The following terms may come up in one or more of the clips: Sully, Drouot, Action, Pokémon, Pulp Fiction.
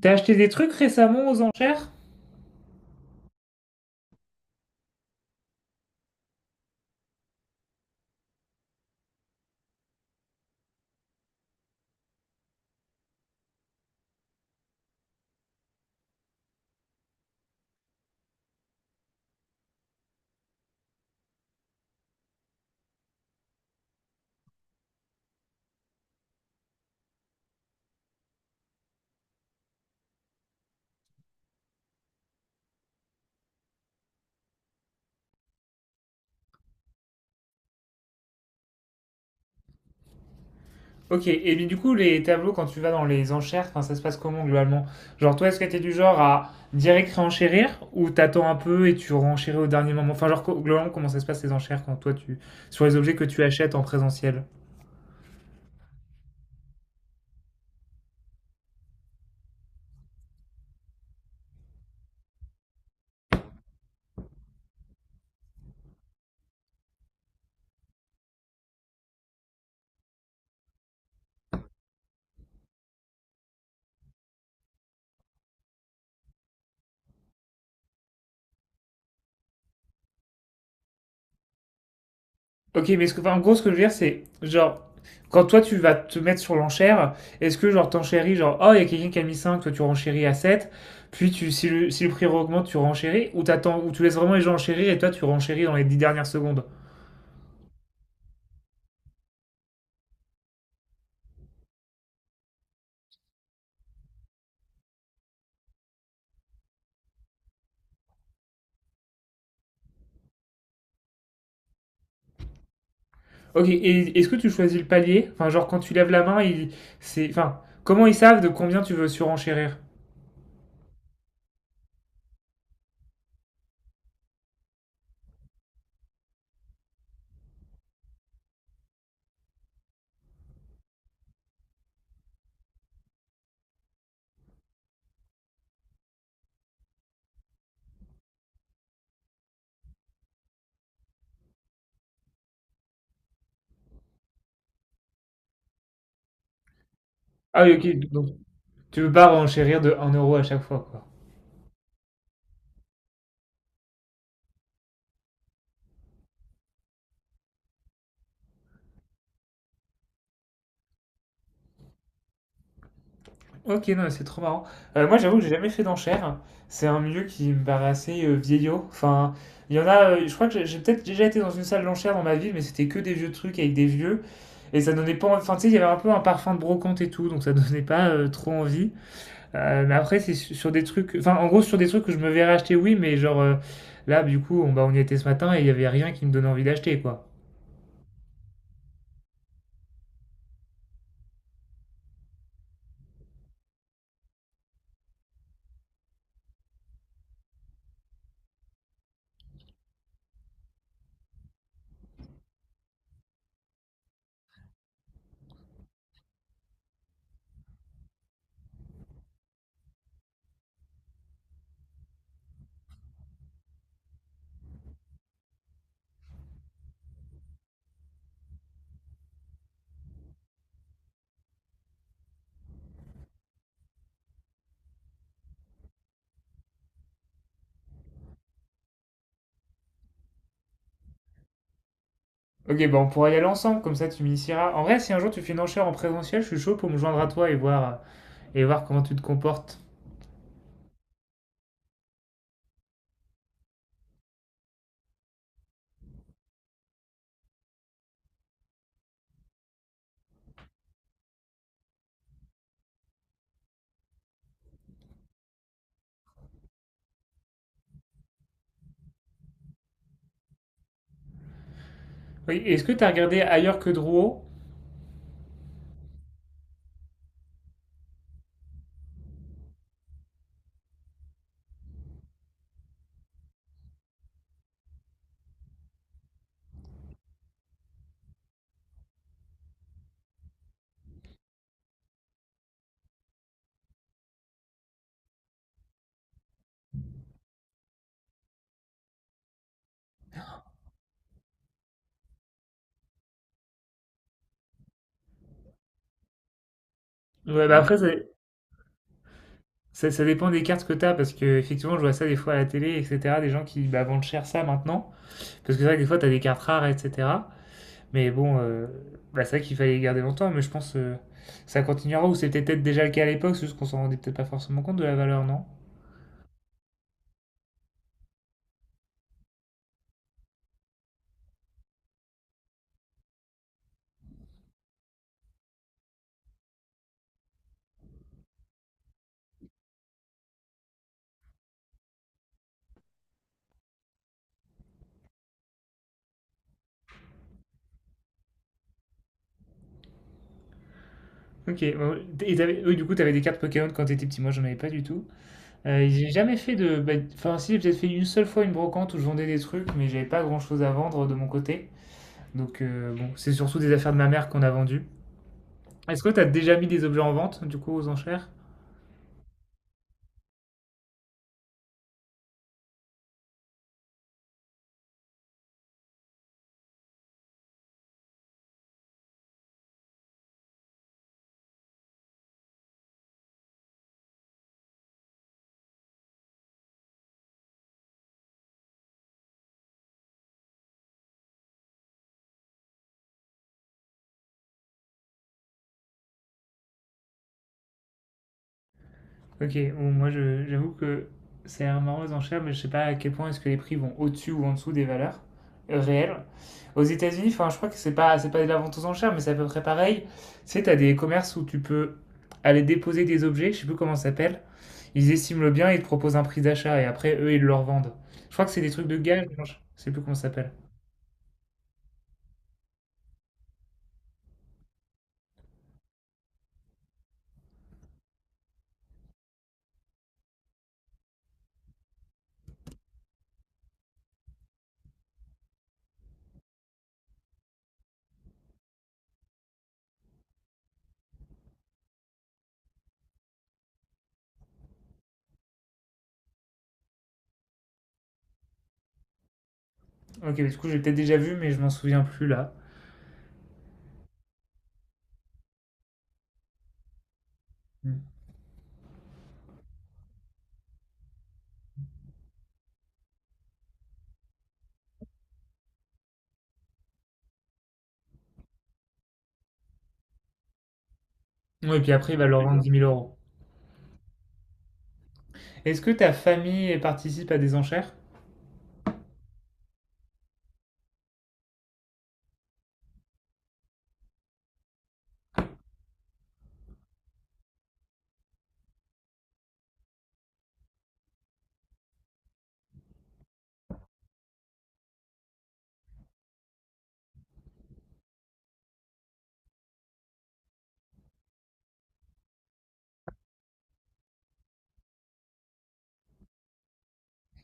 T'as acheté des trucs récemment aux enchères? Ok, et bien du coup, les tableaux, quand tu vas dans les enchères, enfin, ça se passe comment globalement? Genre, toi, est-ce que t'es du genre à direct réenchérir ou t'attends un peu et tu renchéris au dernier moment? Enfin, genre, globalement, comment ça se passe les enchères quand toi, tu... sur les objets que tu achètes en présentiel? Ok, mais ce que, enfin, en gros, ce que je veux dire, c'est genre, quand toi, tu vas te mettre sur l'enchère, est-ce que genre, t'enchéris, genre, oh, il y a quelqu'un qui a mis 5, toi, tu renchéris à 7, puis tu, si le, si le prix augmente, tu renchéris ou t'attends, ou tu laisses vraiment les gens enchérir et toi, tu renchéris dans les 10 dernières secondes? Ok, et est-ce que tu choisis le palier? Enfin, genre quand tu lèves la main, ils, c'est, enfin, comment ils savent de combien tu veux surenchérir? Ah oui, ok, donc tu veux pas renchérir de un euro à chaque fois, quoi. Ok, non, mais c'est trop marrant. Moi, j'avoue que j'ai jamais fait d'enchères. C'est un milieu qui me paraît assez vieillot. Enfin, il y en a, je crois que j'ai peut-être déjà été dans une salle d'enchères dans ma vie, mais c'était que des vieux trucs avec des vieux. Et ça donnait pas, enfin, tu sais, il y avait un peu un parfum de brocante et tout, donc ça donnait pas trop envie. Mais après, c'est sur des trucs. Enfin, en gros, sur des trucs que je me verrais acheter, oui, mais genre là, du coup, on, bah, on y était ce matin et il n'y avait rien qui me donnait envie d'acheter, quoi. Ok, bah on pourra y aller ensemble, comme ça tu m'initieras. En vrai, si un jour tu fais une enchère en présentiel, je suis chaud pour me joindre à toi et voir comment tu te comportes. Oui, est-ce que t'as regardé ailleurs que Drouot? Ouais, bah après, ça, ça dépend des cartes que t'as, parce que effectivement, je vois ça des fois à la télé, etc. Des gens qui bah, vendent cher ça maintenant. Parce que c'est vrai que des fois, t'as des cartes rares, etc. Mais bon, bah, c'est vrai qu'il fallait les garder longtemps, mais je pense que ça continuera ou c'était peut-être déjà le cas à l'époque, c'est juste qu'on s'en rendait peut-être pas forcément compte de la valeur, non? Ok, bon, et oui, du coup, t'avais des cartes Pokémon quand t'étais petit. Moi, j'en avais pas du tout. J'ai jamais fait de. Bah, enfin, si, j'ai peut-être fait une seule fois une brocante où je vendais des trucs, mais j'avais pas grand-chose à vendre de mon côté. Donc, bon, c'est surtout des affaires de ma mère qu'on a vendues. Est-ce que t'as déjà mis des objets en vente, du coup, aux enchères? Ok, bon, j'avoue que ça a l'air marrant les enchères, mais je sais pas à quel point est-ce que les prix vont au-dessus ou en dessous des valeurs réelles. Aux États-Unis, enfin, je crois que c'est pas de la vente aux enchères, mais c'est à peu près pareil. Tu sais, t'as des commerces où tu peux aller déposer des objets, je sais plus comment ça s'appelle. Ils estiment le bien, ils te proposent un prix d'achat et après eux ils le revendent. Je crois que c'est des trucs de gage, non, je sais plus comment ça s'appelle. Ok, mais du coup j'ai peut-être déjà vu, mais je m'en souviens plus là. Mm. Ouais, et puis après il va leur vendre 10 000 euros. Est-ce que ta famille participe à des enchères?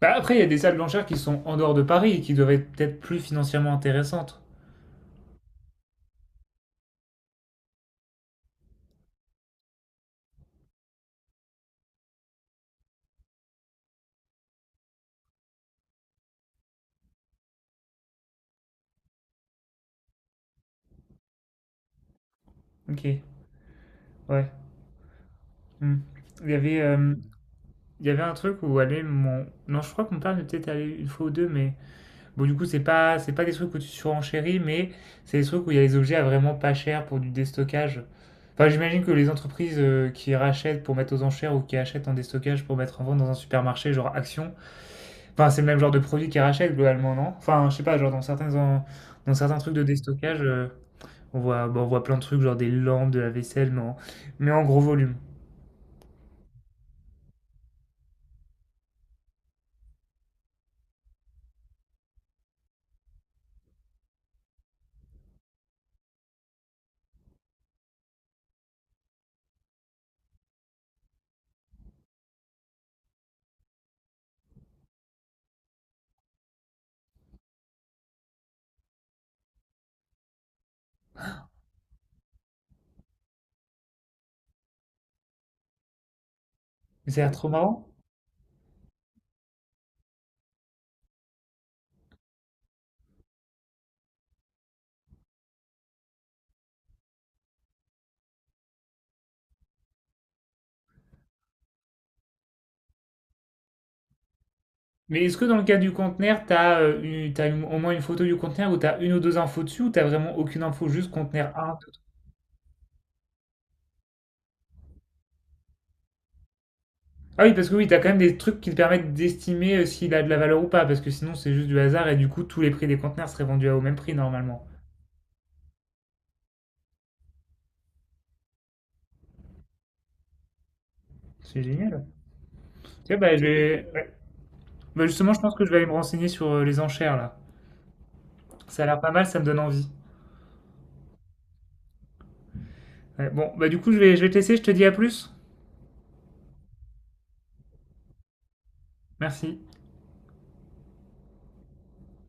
Bah après, il y a des salles blanchères qui sont en dehors de Paris et qui doivent être peut-être plus financièrement intéressantes. Ok, ouais. Hmm. Il y avait, euh, il y avait un truc où aller mon... Non, je crois que mon père est peut-être allé une fois ou deux, mais... Bon, du coup, c'est pas des trucs où tu surenchéris, mais c'est des trucs où il y a des objets à vraiment pas cher pour du déstockage. Enfin, j'imagine que les entreprises qui rachètent pour mettre aux enchères ou qui achètent en déstockage pour mettre en vente dans un supermarché, genre Action, enfin, c'est le même genre de produit qu'ils rachètent globalement, non? Enfin, je sais pas, genre dans certains, dans certains trucs de déstockage... On voit, bon, on voit plein de trucs, genre des lampes, de la vaisselle, mais en gros volume. Ça a l'air trop marrant. Mais est-ce que dans le cas du conteneur, t'as t'as au moins une photo du conteneur ou t'as une ou deux infos dessus ou t'as vraiment aucune info, juste conteneur 1, 2, Ah oui, parce que oui, t'as quand même des trucs qui te permettent d'estimer s'il a de la valeur ou pas, parce que sinon c'est juste du hasard et du coup tous les prix des conteneurs seraient vendus au même prix normalement. C'est génial. Tu vois, bah, ouais. Bah, justement, je pense que je vais aller me renseigner sur les enchères là. Ça a l'air pas mal, ça me donne envie. Ouais, bon, bah du coup, je vais te laisser, je te dis à plus. Merci.